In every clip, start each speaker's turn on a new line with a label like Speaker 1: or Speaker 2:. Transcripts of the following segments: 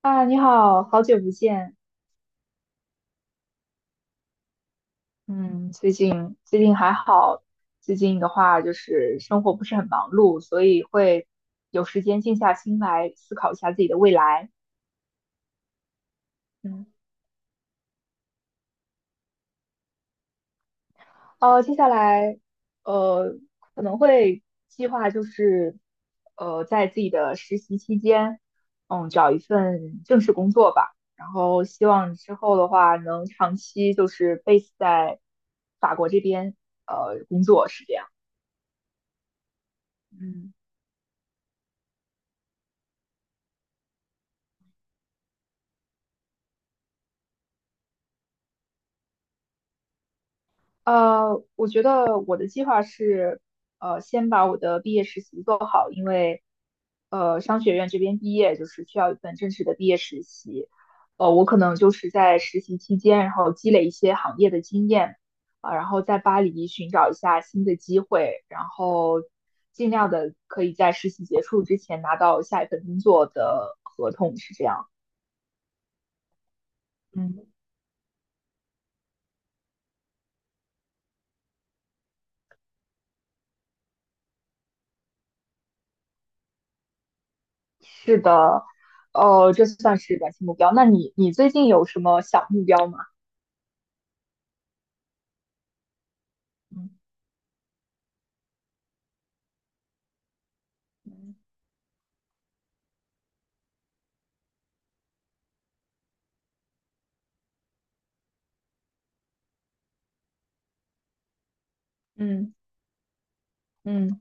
Speaker 1: 啊，你好，好久不见。嗯，最近还好，最近的话就是生活不是很忙碌，所以会有时间静下心来思考一下自己的未来。嗯，接下来呃可能会计划就是在自己的实习期间，嗯，找一份正式工作吧。然后希望之后的话能长期就是 base 在法国这边工作是这样。嗯。我觉得我的计划是，先把我的毕业实习做好，因为，商学院这边毕业就是需要一份正式的毕业实习，我可能就是在实习期间，然后积累一些行业的经验，然后在巴黎寻找一下新的机会，然后尽量的可以在实习结束之前拿到下一份工作的合同，是这样。嗯。是的，哦，这算是短期目标。那你最近有什么小目标吗？嗯嗯嗯嗯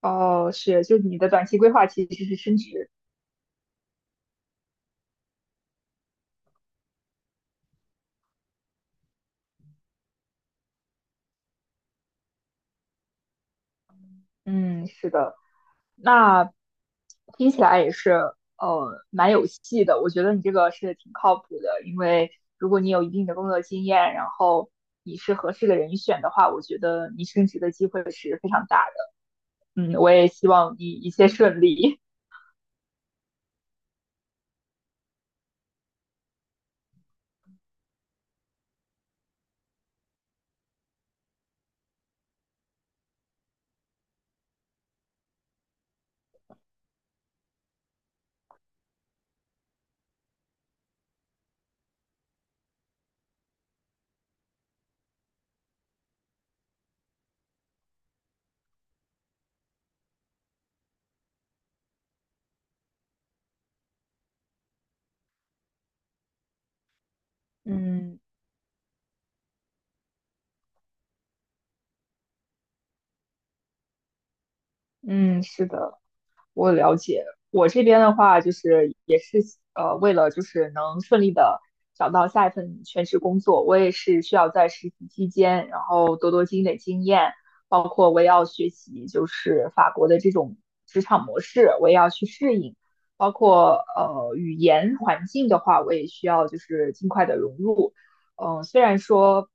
Speaker 1: 哦，是，就你的短期规划其实是升职。嗯，是的，那听起来也是蛮有戏的。我觉得你这个是挺靠谱的，因为如果你有一定的工作经验，然后你是合适的人选的话，我觉得你升职的机会是非常大的。嗯，我也希望你一切顺利。嗯嗯，是的。我了解。我这边的话，就是也是为了就是能顺利的找到下一份全职工作，我也是需要在实习期间，然后多多积累经验，包括我也要学习就是法国的这种职场模式，我也要去适应，包括语言环境的话，我也需要就是尽快的融入。虽然说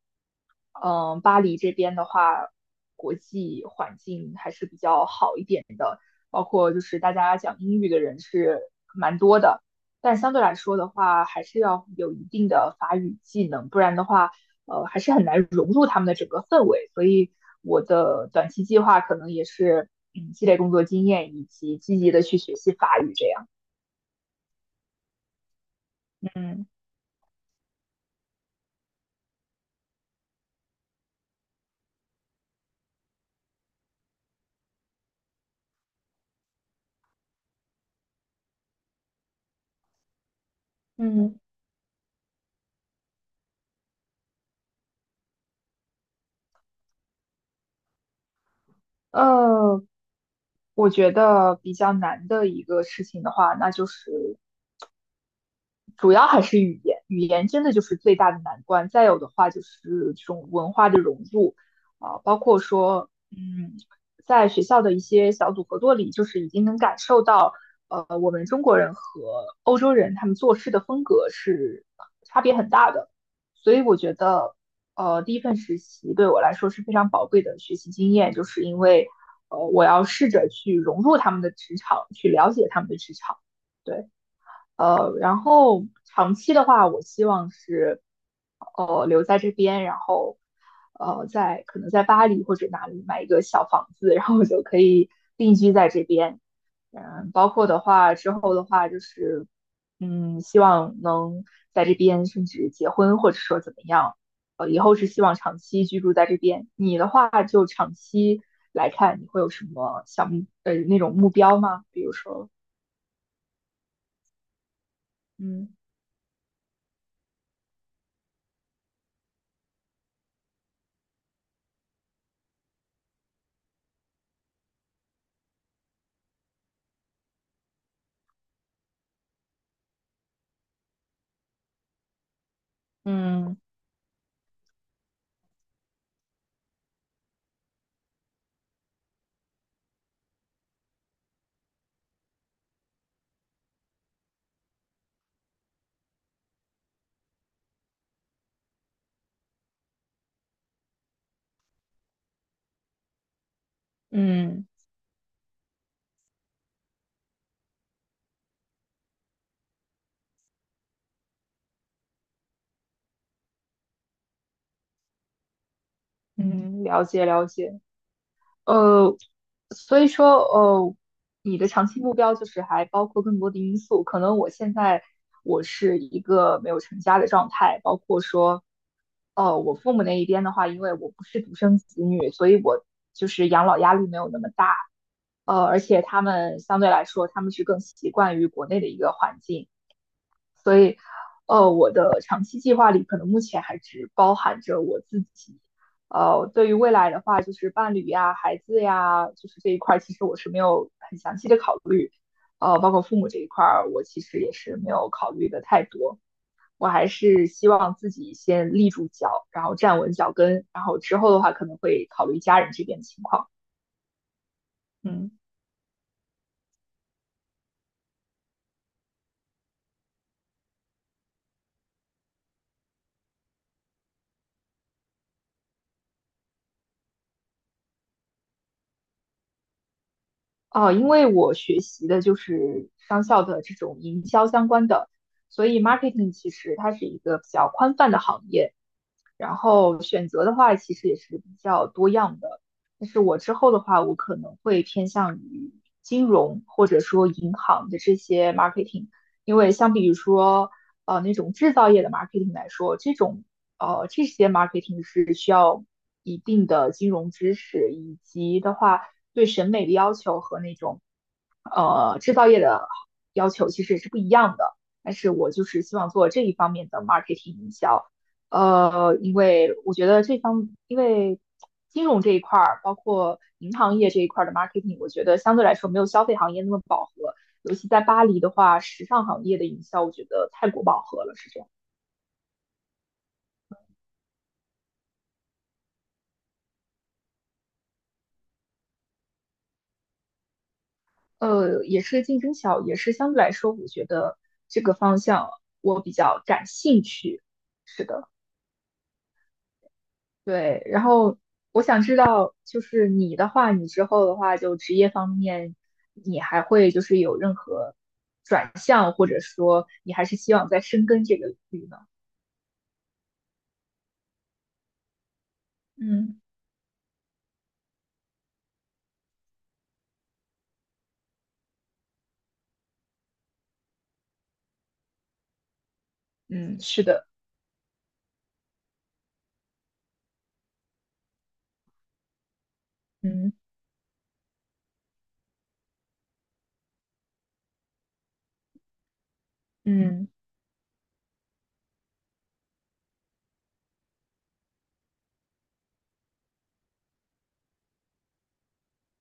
Speaker 1: 巴黎这边的话，国际环境还是比较好一点的。包括就是大家讲英语的人是蛮多的，但相对来说的话，还是要有一定的法语技能，不然的话，还是很难融入他们的整个氛围。所以我的短期计划可能也是，嗯，积累工作经验以及积极的去学习法语这样。嗯嗯呃，我觉得比较难的一个事情的话，那就是主要还是语言，语言真的就是最大的难关。再有的话就是这种文化的融入包括说，在学校的一些小组合作里，就是已经能感受到，我们中国人和欧洲人他们做事的风格是差别很大的。所以我觉得，第一份实习对我来说是非常宝贵的学习经验，就是因为，我要试着去融入他们的职场，去了解他们的职场。对，然后长期的话，我希望是留在这边，然后在可能在巴黎或者哪里买一个小房子，然后我就可以定居在这边。嗯，包括的话之后的话就是，希望能在这边甚至结婚，或者说怎么样，以后是希望长期居住在这边。你的话就长期来看，你会有什么那种目标吗？比如说，嗯嗯嗯。嗯，了解了解。呃，所以说，你的长期目标就是还包括更多的因素。可能我现在我是一个没有成家的状态，包括说，我父母那一边的话，因为我不是独生子女，所以我就是养老压力没有那么大。而且他们相对来说，他们是更习惯于国内的一个环境。所以，我的长期计划里可能目前还只包含着我自己。对于未来的话，就是伴侣呀、孩子呀，就是这一块，其实我是没有很详细的考虑。包括父母这一块我其实也是没有考虑的太多。我还是希望自己先立住脚，然后站稳脚跟，然后之后的话可能会考虑家人这边的情况。嗯。哦，因为我学习的就是商校的这种营销相关的，所以 marketing 其实它是一个比较宽泛的行业。然后选择的话，其实也是比较多样的。但是我之后的话，我可能会偏向于金融或者说银行的这些 marketing，因为相比于说那种制造业的 marketing 来说，这种这些 marketing 是需要一定的金融知识，以及的话对审美的要求和那种制造业的要求其实也是不一样的。但是我就是希望做这一方面的 marketing 营销。因为我觉得因为金融这一块儿，包括银行业这一块儿的 marketing，我觉得相对来说没有消费行业那么饱和。尤其在巴黎的话，时尚行业的营销，我觉得太过饱和了，是这样。也是竞争小，也是相对来说，我觉得这个方向我比较感兴趣。是的。对，然后我想知道，就是你的话，你之后的话，就职业方面，你还会就是有任何转向，或者说你还是希望再深耕这个领域呢？嗯嗯，是的，嗯。嗯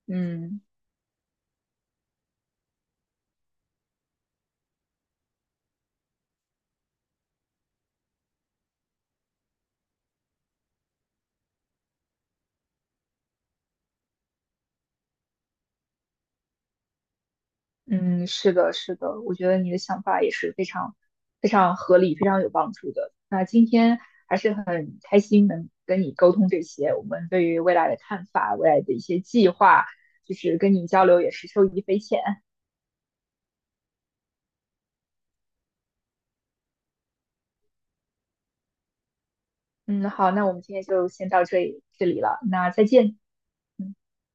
Speaker 1: 嗯。嗯，是的，是的，我觉得你的想法也是非常非常合理，非常有帮助的。那今天还是很开心能跟你沟通这些，我们对于未来的看法、未来的一些计划，就是跟你交流也是受益匪浅。嗯，好，那我们今天就先到这里了，那再见。嗯。